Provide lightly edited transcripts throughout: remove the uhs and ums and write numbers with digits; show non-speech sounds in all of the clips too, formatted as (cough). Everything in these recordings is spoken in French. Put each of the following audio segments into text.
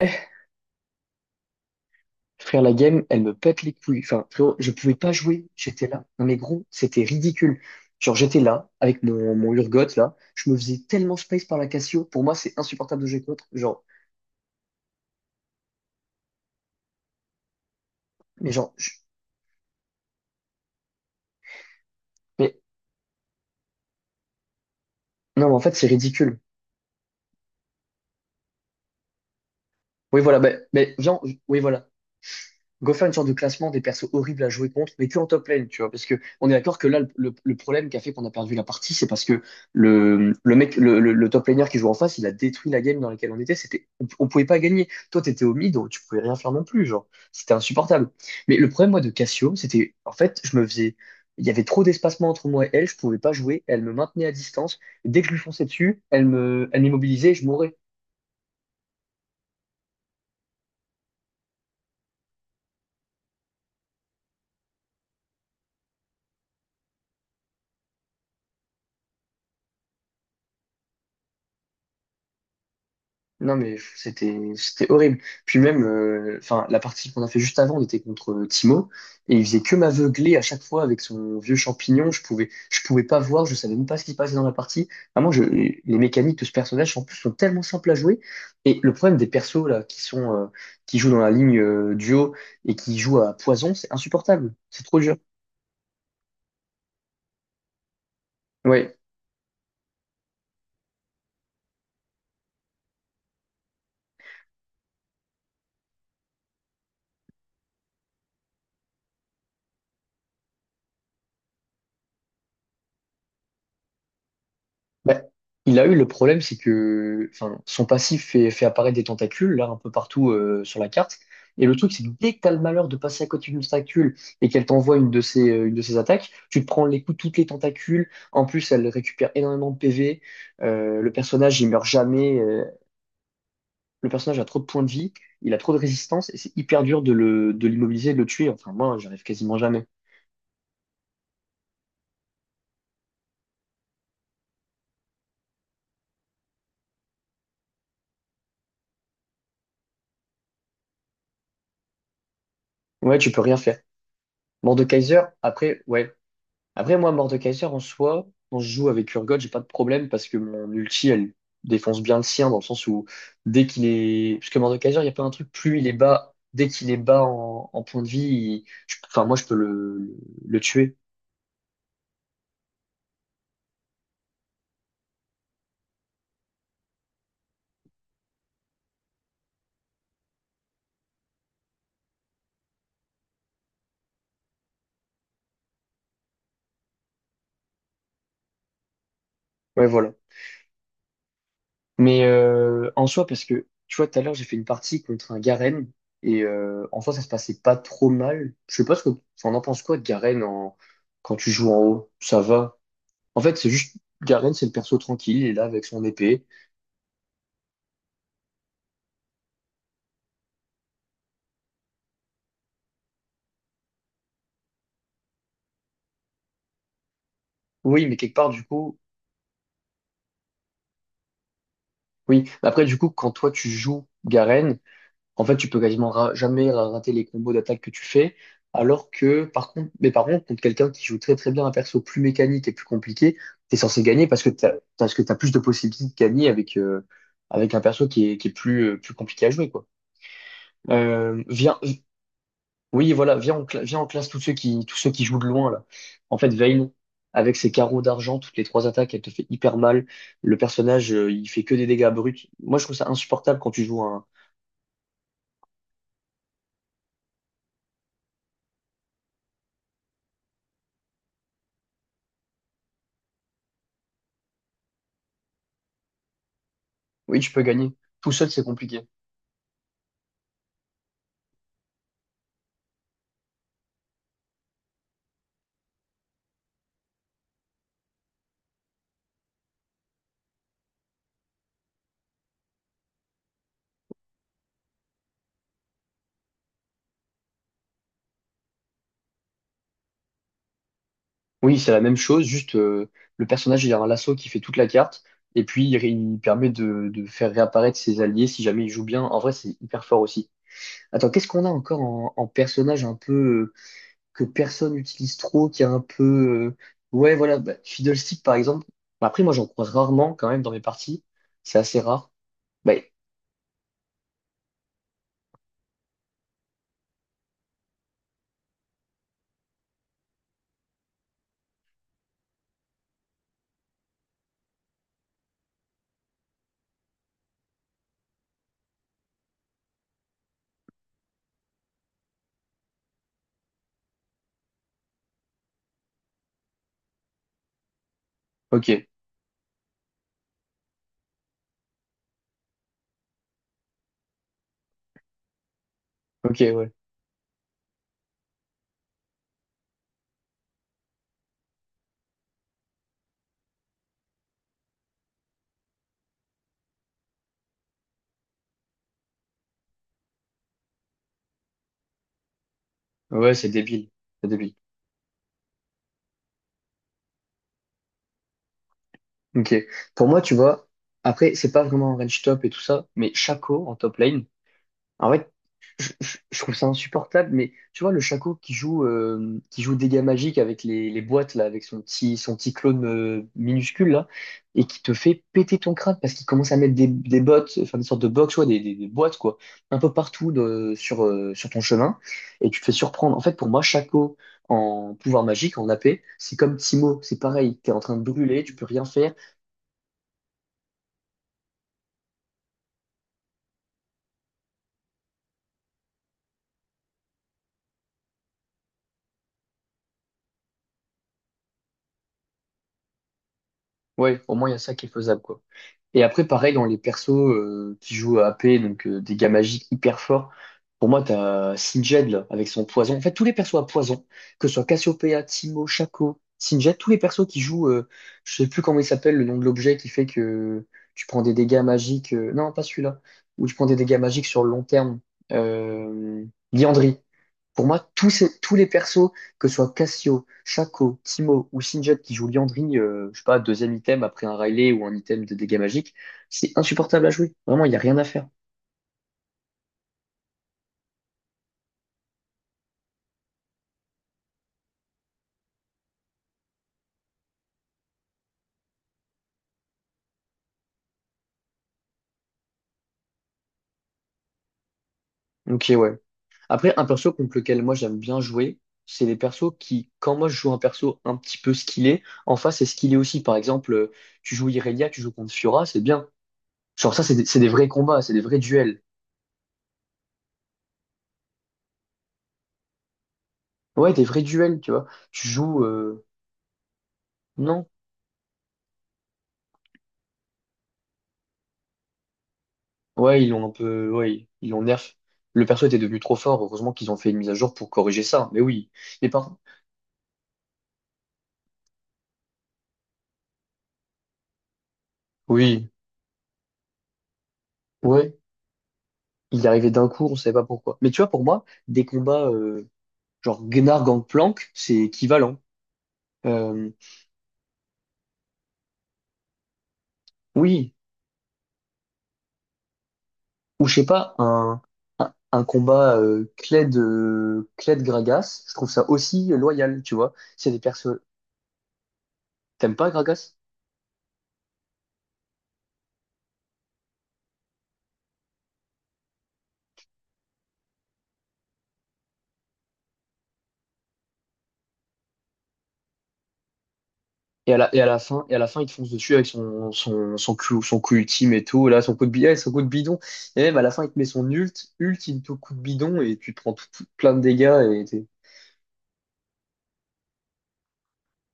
Eh, Frère, la game, elle me pète les couilles. Enfin, frérot, je pouvais pas jouer. J'étais là. Non, mais gros, c'était ridicule. Genre, j'étais là, avec mon Urgot, là. Je me faisais tellement space par la Cassio. Pour moi, c'est insupportable de jouer contre. Genre, mais genre, mais non, mais en fait, c'est ridicule. Oui, voilà, mais viens, oui, voilà. Go faire une sorte de classement des persos horribles à jouer contre, mais que en top lane, tu vois. Parce que on est d'accord que là, le problème qui a fait qu'on a perdu la partie, c'est parce que le mec, le top laner qui joue en face, il a détruit la game dans laquelle on était. C'était, on pouvait pas gagner. Toi, t'étais au mid, donc tu pouvais rien faire non plus, genre. C'était insupportable. Mais le problème, moi, de Cassio, c'était, en fait, il y avait trop d'espacement entre moi et elle, je pouvais pas jouer. Elle me maintenait à distance. Et dès que je lui fonçais dessus, elle m'immobilisait, et je mourais. Non, mais pff, c'était horrible. Puis même, enfin, la partie qu'on a fait juste avant, on était contre Timo, et il faisait que m'aveugler à chaque fois avec son vieux champignon. Je pouvais pas voir, je savais même pas ce qui se passait dans la partie. Vraiment, les mécaniques de ce personnage, en plus, sont tellement simples à jouer. Et le problème des persos, là, qui jouent dans la ligne duo et qui jouent à poison, c'est insupportable. C'est trop dur. Ouais. Bah, il a eu le problème, c'est que enfin, son passif fait apparaître des tentacules là un peu partout sur la carte. Et le truc, c'est que dès que t'as le malheur de passer à côté d'une tentacule et qu'elle t'envoie une de ses attaques, tu te prends les coups de toutes les tentacules. En plus, elle récupère énormément de PV. Le personnage, il meurt jamais. Le personnage a trop de points de vie, il a trop de résistance et c'est hyper dur de de l'immobiliser, de le tuer. Enfin, moi, j'arrive quasiment jamais. Ouais, tu peux rien faire. Mort de Kaiser, après, ouais. Après, moi, mort de Kaiser, en soi, quand je joue avec Urgot, j'ai pas de problème parce que mon ulti, elle défonce bien le sien dans le sens où dès qu'il est. Parce que mort de Kaiser, il y a pas un truc, plus il est bas, dès qu'il est bas en, en point de vie, enfin, moi, je peux le tuer. Ouais, voilà. Mais en soi, parce que tu vois, tout à l'heure, j'ai fait une partie contre un Garen et en soi, ça se passait pas trop mal. Je sais pas ce que. Enfin, on en pense quoi de Garen en... quand tu joues en haut? Ça va. En fait, c'est juste. Garen, c'est le perso tranquille, il est là avec son épée. Oui, mais quelque part, du coup, oui. Après, du coup, quand toi, tu joues Garen, en fait, tu peux quasiment jamais rater les combos d'attaque que tu fais. Alors que, par contre, mais par contre, contre quelqu'un qui joue très très bien un perso plus mécanique et plus compliqué, t'es censé gagner parce que t'as plus de possibilités de gagner avec, avec un perso qui est plus, plus compliqué à jouer, quoi. Euh, viens, Oui, voilà, viens, viens, on classe tous ceux qui jouent de loin, là. En fait, Vayne, avec ses carreaux d'argent, toutes les trois attaques, elle te fait hyper mal. Le personnage il fait que des dégâts bruts. Moi, je trouve ça insupportable quand tu joues un... Oui, tu peux gagner. Tout seul, c'est compliqué. Oui, c'est la même chose, juste le personnage, il a un lasso qui fait toute la carte, et puis il permet de faire réapparaître ses alliés si jamais il joue bien. En vrai, c'est hyper fort aussi. Attends, qu'est-ce qu'on a encore en, en personnage un peu... que personne n'utilise trop, qui est un peu... ouais, voilà, bah, Fiddlestick, par exemple. Bah, après, moi, j'en croise rarement, quand même, dans mes parties. C'est assez rare. Bah, ok, ok, ouais. Ouais, c'est débile. C'est débile. Ok. Pour moi, tu vois, après, c'est pas vraiment un range top et tout ça, mais Shaco, en top lane, en fait, je trouve ça insupportable, mais tu vois, le Shaco qui joue dégâts magiques avec les boîtes, là, avec son petit clone minuscule, là, et qui te fait péter ton crâne parce qu'il commence à mettre des sortes de box, ouais, des boîtes, quoi, un peu partout sur, sur ton chemin, et tu te fais surprendre. En fait, pour moi, Shaco en pouvoir magique, en AP, c'est comme Timo, c'est pareil, t'es en train de brûler, tu peux rien faire. Ouais, au moins, il y a ça qui est faisable, quoi. Et après, pareil, dans les persos qui jouent à AP, donc des gars magiques hyper forts, pour moi, t'as Singed, là, avec son poison. En fait, tous les persos à poison, que ce soit Cassiopeia, Timo, Shaco, Singed, tous les persos qui jouent, je sais plus comment il s'appelle, le nom de l'objet qui fait que tu prends des dégâts magiques. Non, pas celui-là. Où tu prends des dégâts magiques sur le long terme. Euh, Liandry. Pour moi, tous les persos que ce soit Cassio, Shaco, Timo ou Sinjot qui joue Liandry, je sais pas, deuxième item après un Riley ou un item de dégâts magiques, c'est insupportable à jouer. Vraiment, il n'y a rien à faire. Ok, ouais. Après, un perso contre lequel moi j'aime bien jouer, c'est les persos qui, quand moi je joue un perso un petit peu skillé, en face c'est skillé aussi. Par exemple, tu joues Irelia, tu joues contre Fiora, c'est bien. Genre ça, c'est des vrais combats, c'est des vrais duels. Ouais, des vrais duels, tu vois. Tu joues... Non, Ouais, ils l'ont un peu, ouais, ils l'ont nerf. Le perso était devenu trop fort. Heureusement qu'ils ont fait une mise à jour pour corriger ça. Mais oui. Mais par, oui, ouais. Il est arrivé d'un coup, on savait pas pourquoi. Mais tu vois, pour moi, des combats, genre Gnar Gangplank, c'est équivalent. Euh, oui. Ou je sais pas, un combat, Kled Gragas, je trouve ça aussi loyal, tu vois. C'est des persos, t'aimes pas Gragas? Et à la fin, il te fonce dessus avec son coup ultime et tout, là, son coup de bidon. Et même à la fin, il te met ultime tout coup de bidon et tu prends plein de dégâts et t'es...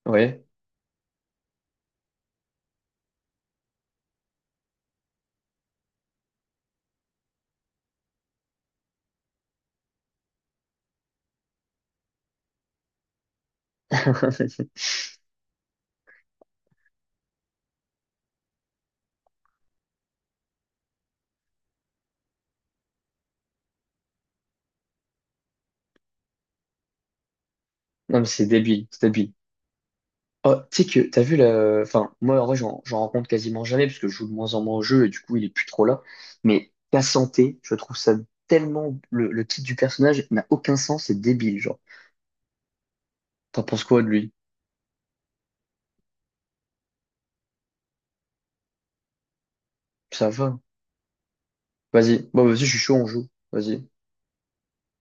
Ouais. (laughs) Non, mais c'est débile, c'est débile. Oh, t'as vu la... Enfin, moi, en vrai, j'en rencontre quasiment jamais parce que je joue de moins en moins au jeu et du coup, il est plus trop là. Mais ta santé, je trouve ça tellement... le titre du personnage n'a aucun sens, c'est débile, genre. T'en penses quoi de lui? Ça va. Vas-y. Bon, bah, vas-y, je suis chaud, on joue. Vas-y.